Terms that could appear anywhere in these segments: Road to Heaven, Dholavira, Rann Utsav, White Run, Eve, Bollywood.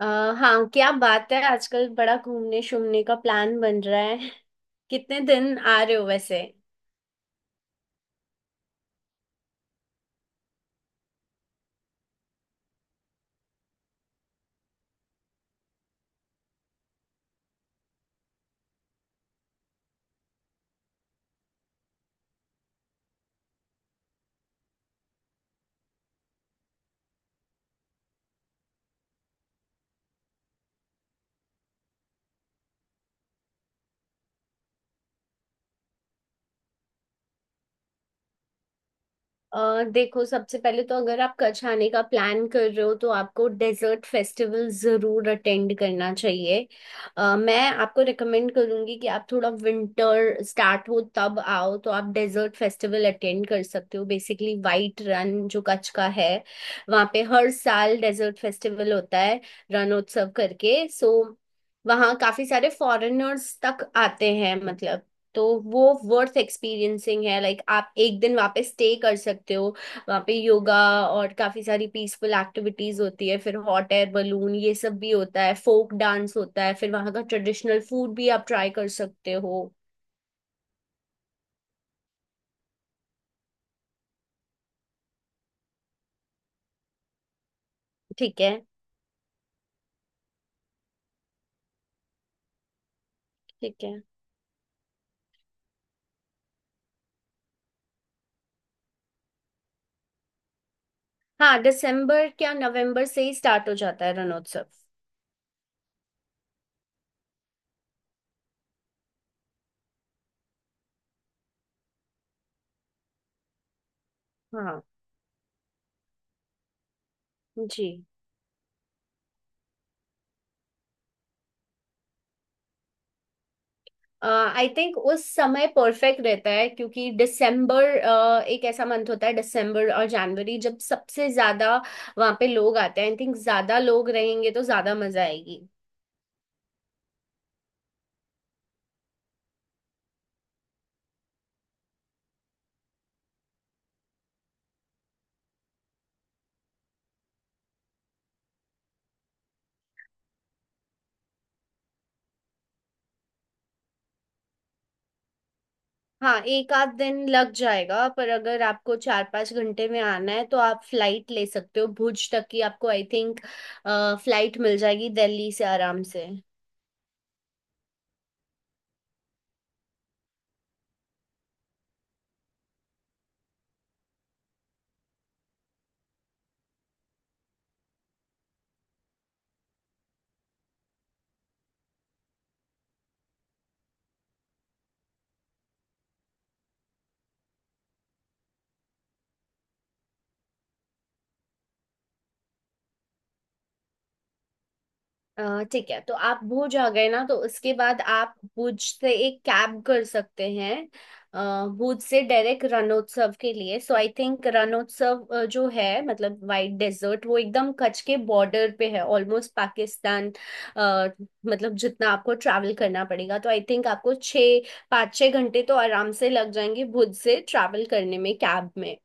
अ, हाँ क्या बात है। आजकल बड़ा घूमने शूमने का प्लान बन रहा है। कितने दिन आ रहे हो वैसे? देखो, सबसे पहले तो अगर आप कच्छ आने का प्लान कर रहे हो तो आपको डेजर्ट फेस्टिवल ज़रूर अटेंड करना चाहिए। मैं आपको रिकमेंड करूँगी कि आप थोड़ा विंटर स्टार्ट हो तब आओ तो आप डेजर्ट फेस्टिवल अटेंड कर सकते हो, बेसिकली वाइट रन जो कच्छ का है। वहाँ पे हर साल डेजर्ट फेस्टिवल होता है, रणोत्सव करके। सो वहाँ काफ़ी सारे फॉरेनर्स तक आते हैं, मतलब, तो वो वर्थ एक्सपीरियंसिंग है। लाइक आप एक दिन वहाँ पे स्टे कर सकते हो। वहाँ पे योगा और काफी सारी पीसफुल एक्टिविटीज होती है, फिर हॉट एयर बलून ये सब भी होता है, फोक डांस होता है, फिर वहाँ का ट्रेडिशनल फूड भी आप ट्राई कर सकते हो। ठीक है, ठीक है। हाँ, दिसंबर क्या नवंबर से ही स्टार्ट हो जाता है रणोत्सव। हाँ जी। आई थिंक उस समय परफेक्ट रहता है क्योंकि दिसंबर एक ऐसा मंथ होता है, दिसंबर और जनवरी, जब सबसे ज्यादा वहाँ पे लोग आते हैं। आई थिंक ज्यादा लोग रहेंगे तो ज्यादा मजा आएगी। हाँ, एक आध दिन लग जाएगा, पर अगर आपको चार पाँच घंटे में आना है तो आप फ्लाइट ले सकते हो भुज तक की। आपको आई थिंक फ्लाइट मिल जाएगी दिल्ली से आराम से। ठीक है, तो आप भुज आ गए ना तो उसके बाद आप भुज से एक कैब कर सकते हैं। भुज से डायरेक्ट रणोत्सव के लिए। सो आई थिंक रणोत्सव जो है, मतलब वाइट डेजर्ट, वो एकदम कच्छ के बॉर्डर पे है, ऑलमोस्ट पाकिस्तान। अ, मतलब जितना आपको ट्रैवल करना पड़ेगा, तो आई थिंक आपको छः पाँच छः घंटे तो आराम से लग जाएंगे भुज से ट्रैवल करने में, कैब में।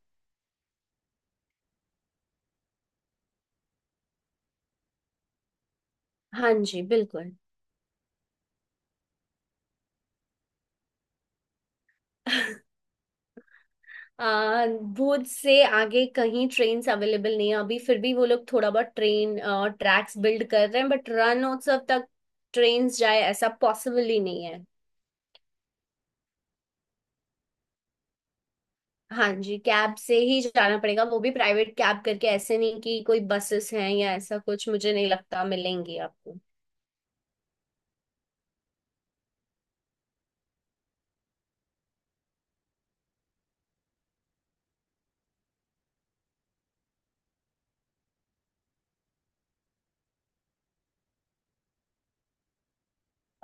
हाँ जी बिल्कुल। आ, भुज से आगे कहीं ट्रेन्स अवेलेबल नहीं है अभी। फिर भी वो लोग थोड़ा बहुत ट्रेन ट्रैक्स बिल्ड कर रहे हैं, बट रणोत्सव तक ट्रेन्स जाए ऐसा पॉसिबल ही नहीं है। हाँ जी, कैब से ही जाना पड़ेगा, वो भी प्राइवेट कैब करके। ऐसे नहीं कि कोई बसेस हैं या ऐसा कुछ, मुझे नहीं लगता मिलेंगी आपको।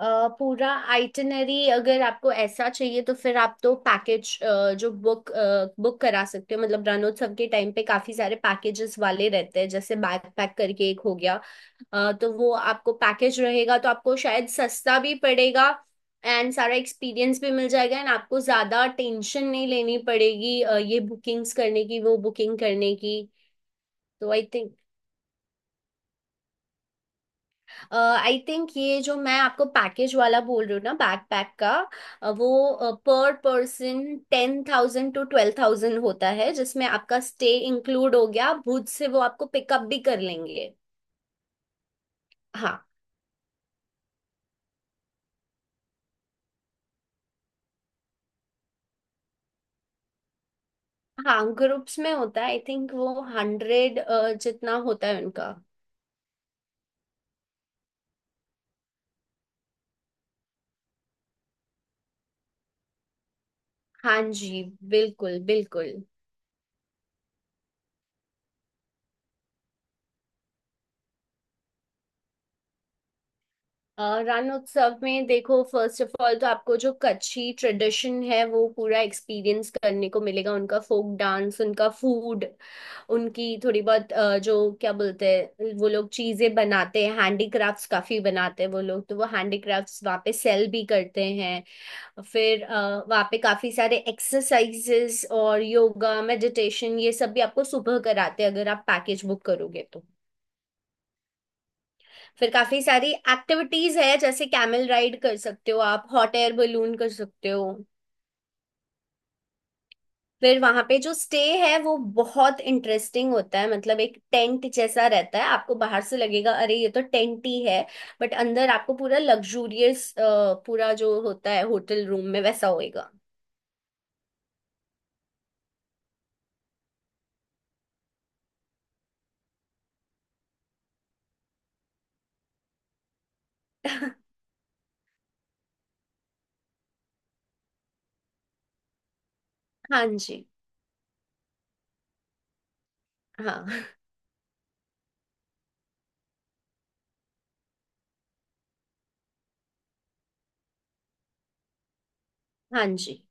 पूरा आइटिनरी अगर आपको ऐसा चाहिए तो फिर आप तो पैकेज जो बुक बुक करा सकते हो। मतलब रणोत्सव के टाइम पे काफी सारे पैकेजेस वाले रहते हैं, जैसे बैकपैक करके एक हो गया। तो वो आपको पैकेज रहेगा तो आपको शायद सस्ता भी पड़ेगा, एंड सारा एक्सपीरियंस भी मिल जाएगा, एंड आपको ज़्यादा टेंशन नहीं लेनी पड़ेगी ये बुकिंग्स करने की वो बुकिंग करने की। तो आई थिंक ये जो मैं आपको पैकेज वाला बोल रही हूँ ना, बैकपैक का, वो पर पर्सन 10,000 टू 12,000 होता है, जिसमें आपका स्टे इंक्लूड हो गया। भुज से वो आपको पिकअप भी कर लेंगे। हाँ, हाँ ग्रुप्स में होता है। आई थिंक वो 100 जितना होता है उनका। हाँ जी, बिल्कुल बिल्कुल। रण उत्सव में देखो, फर्स्ट ऑफ ऑल तो आपको जो कच्छी ट्रेडिशन है वो पूरा एक्सपीरियंस करने को मिलेगा, उनका फोक डांस, उनका फूड, उनकी थोड़ी बहुत जो क्या बोलते हैं वो लोग, चीजें बनाते हैं, हैंडीक्राफ्ट्स काफी बनाते हैं वो लोग, तो वो हैंडीक्राफ्ट्स वहाँ पे सेल भी करते हैं। तो फिर वहाँ पे काफी सारे एक्सरसाइजेस और योगा मेडिटेशन ये सब भी आपको सुबह कराते हैं, अगर आप पैकेज बुक करोगे तो। फिर काफी सारी एक्टिविटीज है, जैसे कैमल राइड कर सकते हो आप, हॉट एयर बलून कर सकते हो। फिर वहां पे जो स्टे है वो बहुत इंटरेस्टिंग होता है, मतलब एक टेंट जैसा रहता है, आपको बाहर से लगेगा अरे ये तो टेंट ही है, बट अंदर आपको पूरा लग्जूरियस, पूरा जो होता है होटल रूम में वैसा होएगा। हाँ जी, हाँ हाँ जी।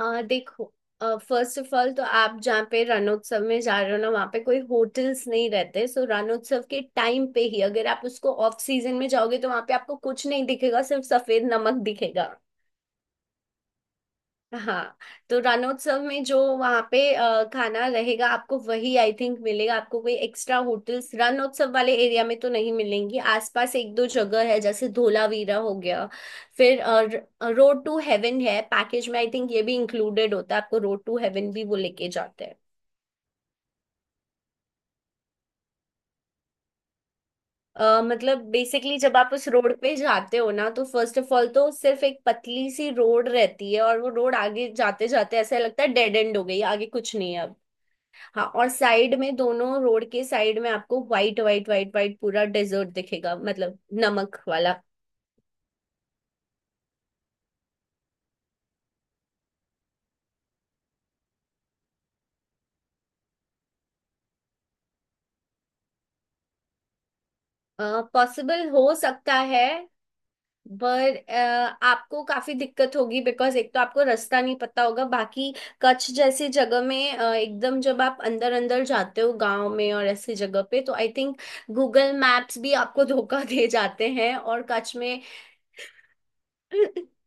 देखो, फर्स्ट ऑफ ऑल तो आप जहाँ पे रणोत्सव में जा रहे हो ना, वहाँ पे कोई होटल्स नहीं रहते। सो रणोत्सव के टाइम पे ही, अगर आप उसको ऑफ सीजन में जाओगे तो वहाँ पे आपको कुछ नहीं दिखेगा, सिर्फ सफेद नमक दिखेगा। हाँ, तो रणोत्सव में जो वहाँ पे खाना रहेगा आपको, वही आई थिंक मिलेगा। आपको कोई एक्स्ट्रा होटल्स रणोत्सव वाले एरिया में तो नहीं मिलेंगी। आसपास एक दो जगह है, जैसे धोलावीरा हो गया, फिर रोड टू हेवन है। पैकेज में आई थिंक ये भी इंक्लूडेड होता है, आपको रोड टू हेवन भी वो लेके जाते हैं। मतलब बेसिकली जब आप उस रोड पे जाते हो ना तो फर्स्ट ऑफ ऑल तो सिर्फ एक पतली सी रोड रहती है, और वो रोड आगे जाते जाते ऐसा लगता है डेड एंड हो गई, आगे कुछ नहीं है। हाँ, और साइड में, दोनों रोड के साइड में आपको व्हाइट व्हाइट व्हाइट व्हाइट पूरा डेजर्ट दिखेगा, मतलब नमक वाला। पॉसिबल हो सकता है, पर आपको काफी दिक्कत होगी, बिकॉज एक तो आपको रास्ता नहीं पता होगा, बाकी कच्छ जैसी जगह में एकदम जब आप अंदर अंदर जाते हो गांव में और ऐसी जगह पे तो आई थिंक गूगल मैप्स भी आपको धोखा दे जाते हैं, और कच्छ में।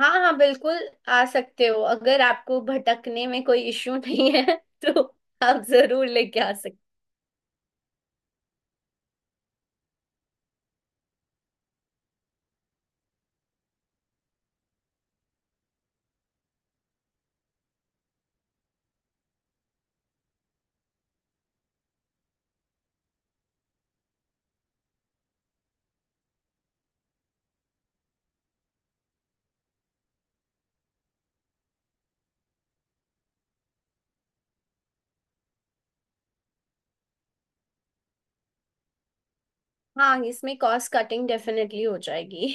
हाँ हाँ, बिल्कुल आ सकते हो, अगर आपको भटकने में कोई इश्यू नहीं है तो आप जरूर लेके आ सकते हो। हाँ, इसमें कॉस्ट कटिंग डेफिनेटली हो जाएगी।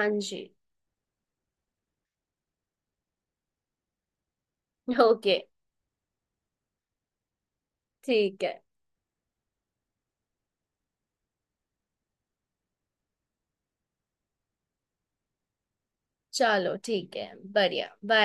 हाँ जी। ओके, ठीक है। चलो, ठीक है, बढ़िया, बाय।